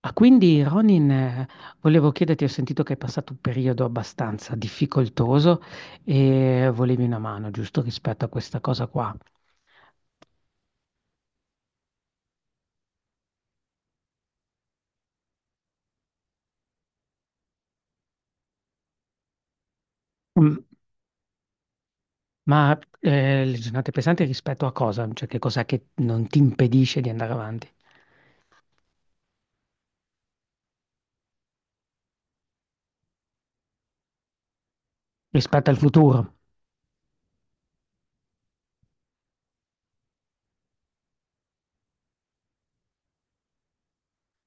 Ah, quindi Ronin, volevo chiederti, ho sentito che hai passato un periodo abbastanza difficoltoso e volevi una mano, giusto, rispetto a questa cosa qua. Mm, Ma le giornate pesanti rispetto a cosa? Cioè che cos'è che non ti impedisce di andare avanti? Rispetto al futuro,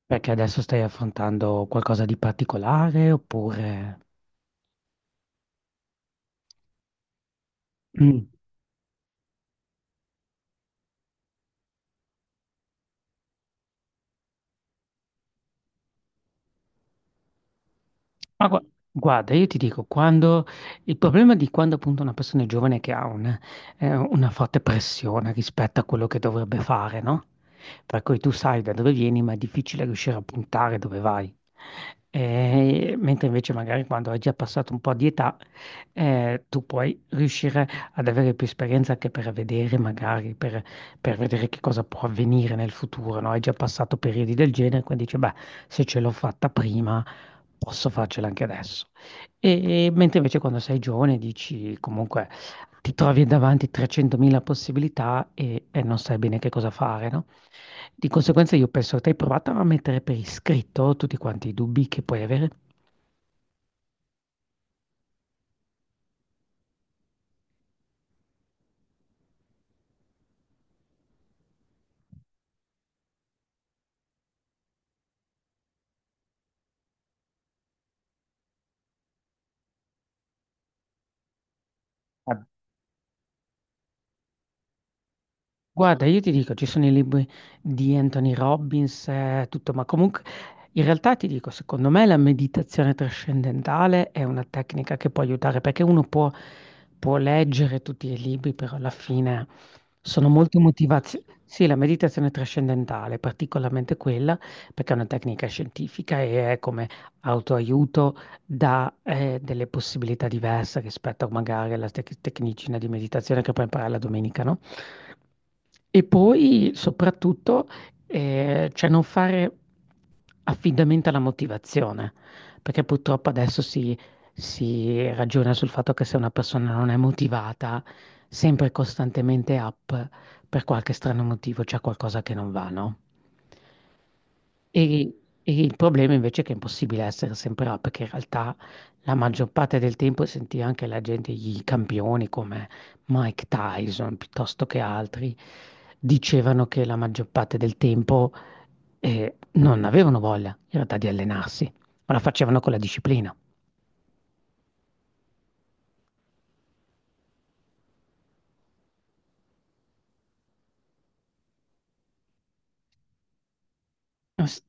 perché adesso stai affrontando qualcosa di particolare oppure. Mm. Ma guarda, io ti dico, quando il problema di quando appunto una persona è giovane è che ha una forte pressione rispetto a quello che dovrebbe fare, no? Per cui tu sai da dove vieni, ma è difficile riuscire a puntare dove vai. Mentre invece magari quando hai già passato un po' di età, tu puoi riuscire ad avere più esperienza anche per vedere, magari per, vedere che cosa può avvenire nel futuro, no? Hai già passato periodi del genere, quindi dici, beh, se ce l'ho fatta prima. Posso farcela anche adesso. E mentre invece quando sei giovane dici comunque ti trovi davanti 300.000 possibilità e non sai bene che cosa fare, no? Di conseguenza io penso che tu hai provato a mettere per iscritto tutti quanti i dubbi che puoi avere. Guarda, io ti dico, ci sono i libri di Anthony Robbins, tutto, ma comunque in realtà ti dico, secondo me la meditazione trascendentale è una tecnica che può aiutare perché uno può leggere tutti i libri, però alla fine sono molte motivazioni. Sì, la meditazione trascendentale, particolarmente quella, perché è una tecnica scientifica e è come autoaiuto dà delle possibilità diverse rispetto magari alla tecnicina di meditazione che puoi imparare la domenica, no? E poi soprattutto, cioè non fare affidamento alla motivazione, perché purtroppo adesso si ragiona sul fatto che se una persona non è motivata, sempre e costantemente up per qualche strano motivo c'è qualcosa che non va, no? E, e il problema invece è che è impossibile essere sempre là, perché in realtà la maggior parte del tempo senti anche la gente, i campioni come Mike Tyson piuttosto che altri, dicevano che la maggior parte del tempo non avevano voglia in realtà di allenarsi, ma la facevano con la disciplina. S-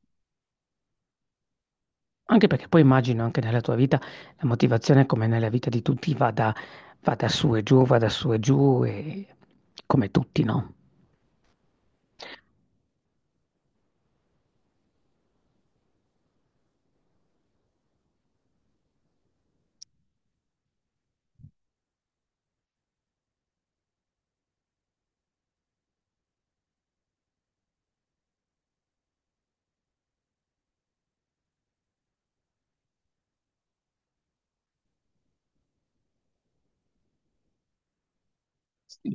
Anche perché poi immagino anche nella tua vita la motivazione, come nella vita di tutti, vada su e giù, vada su e giù, e. Come tutti, no?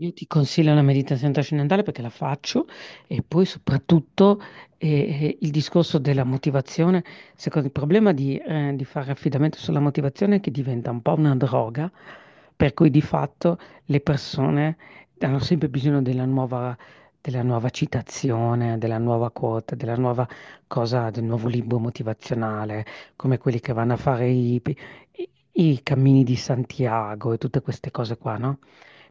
Io ti consiglio la meditazione trascendentale perché la faccio e poi soprattutto eh, il discorso della motivazione. Secondo il problema di fare affidamento sulla motivazione è che diventa un po' una droga, per cui di fatto le persone hanno sempre bisogno della nuova citazione, della nuova quote, della nuova cosa, del nuovo libro motivazionale, come quelli che vanno a fare i, i cammini di Santiago e tutte queste cose qua, no?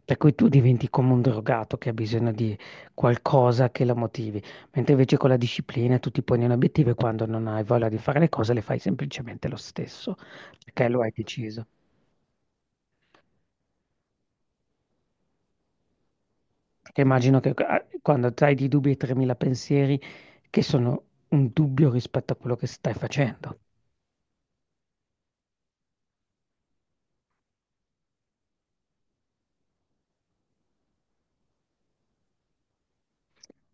Per cui tu diventi come un drogato che ha bisogno di qualcosa che lo motivi, mentre invece con la disciplina tu ti poni un obiettivo e quando non hai voglia di fare le cose le fai semplicemente lo stesso, perché lo hai deciso. Perché immagino che quando hai di dubbi e 3.000 pensieri, che sono un dubbio rispetto a quello che stai facendo.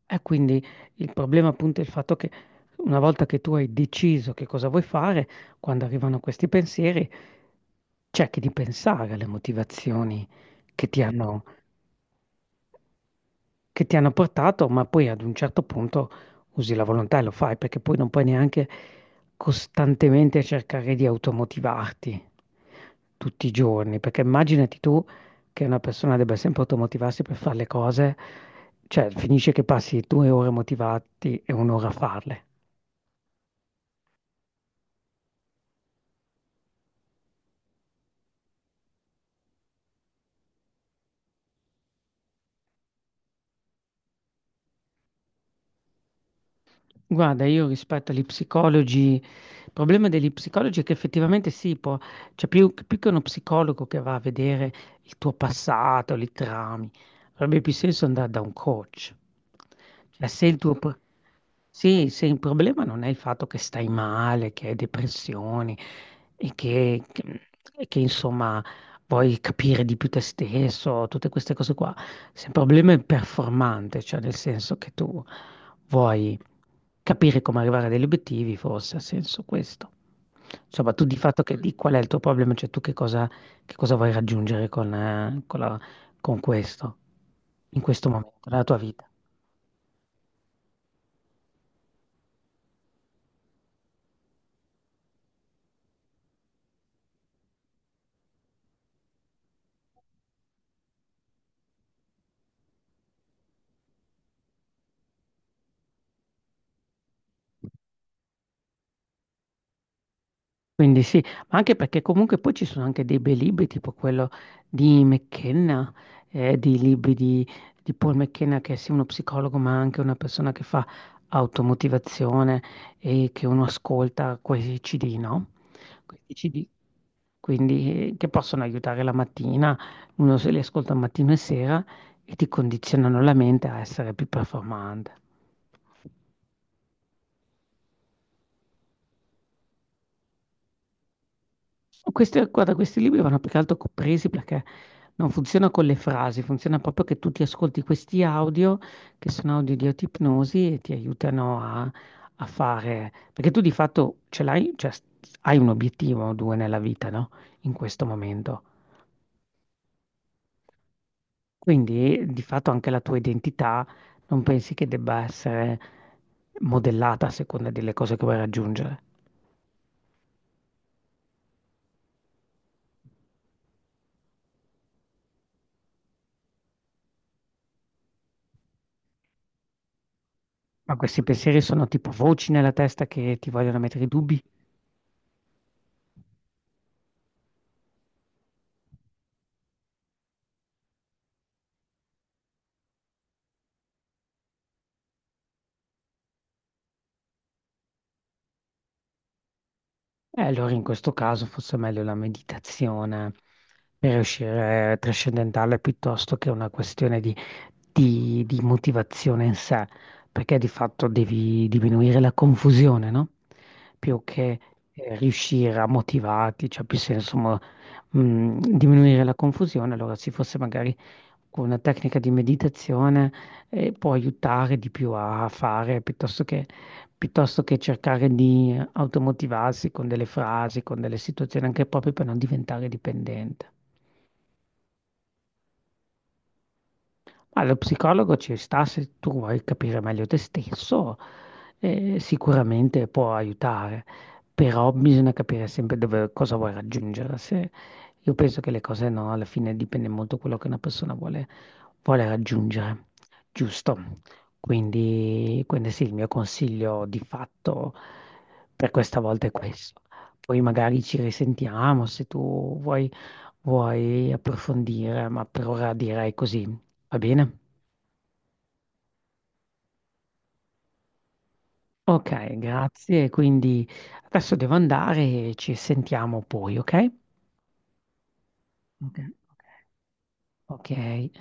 E quindi il problema appunto è il fatto che una volta che tu hai deciso che cosa vuoi fare, quando arrivano questi pensieri, cerchi di pensare alle motivazioni che ti hanno che ti hanno portato, ma poi ad un certo punto usi la volontà e lo fai, perché poi non puoi neanche costantemente cercare di automotivarti tutti i giorni, perché immaginati tu che una persona debba sempre automotivarsi per fare le cose, cioè finisce che passi due ore motivati e un'ora a farle. Guarda, io rispetto agli psicologi, il problema degli psicologi è che effettivamente sì, può, cioè più che uno psicologo che va a vedere il tuo passato, li traumi, avrebbe più senso andare da un coach. Cioè, se il tuo, pro- sì, se il problema non è il fatto che stai male, che hai depressioni e che, insomma vuoi capire di più te stesso, tutte queste cose qua, se il problema è performante, cioè nel senso che tu vuoi capire come arrivare a degli obiettivi forse ha senso questo. Insomma, tu di fatto di qual è il tuo problema, cioè tu che cosa vuoi raggiungere con questo, in questo momento, nella tua vita? Quindi sì, ma anche perché comunque poi ci sono anche dei bei libri, tipo quello di McKenna, di libri di Paul McKenna, che è sì uno psicologo, ma anche una persona che fa automotivazione e che uno ascolta questi CD, no? Questi CD, quindi che possono aiutare la mattina, uno se li ascolta mattino e sera e ti condizionano la mente a essere più performante. Questi, guarda, questi libri vanno più che altro presi perché non funziona con le frasi, funziona proprio che tu ti ascolti questi audio, che sono audio di autoipnosi e ti aiutano a, fare, perché tu di fatto ce l'hai, cioè, hai un obiettivo o due nella vita, no? In questo momento. Quindi di fatto anche la tua identità non pensi che debba essere modellata a seconda delle cose che vuoi raggiungere. Ma questi pensieri sono tipo voci nella testa che ti vogliono mettere i dubbi? E allora in questo caso forse è meglio la meditazione per uscire trascendentale piuttosto che una questione di, di motivazione in sé, perché di fatto devi diminuire la confusione, no? Più che riuscire a motivarti, cioè più senso diminuire la confusione, allora si fosse magari con una tecnica di meditazione può aiutare di più a fare piuttosto che, cercare di automotivarsi con delle frasi, con delle situazioni, anche proprio per non diventare dipendente. Ma lo psicologo ci sta se tu vuoi capire meglio te stesso, sicuramente può aiutare, però bisogna capire sempre dove, cosa vuoi raggiungere. Se, io penso che le cose no, alla fine dipende molto da quello che una persona vuole raggiungere, giusto? Quindi sì, il mio consiglio di fatto per questa volta è questo. Poi magari ci risentiamo se tu vuoi approfondire, ma per ora direi così. Va bene? Ok, grazie. Quindi adesso devo andare e ci sentiamo poi, ok? Ok, ok. Ok.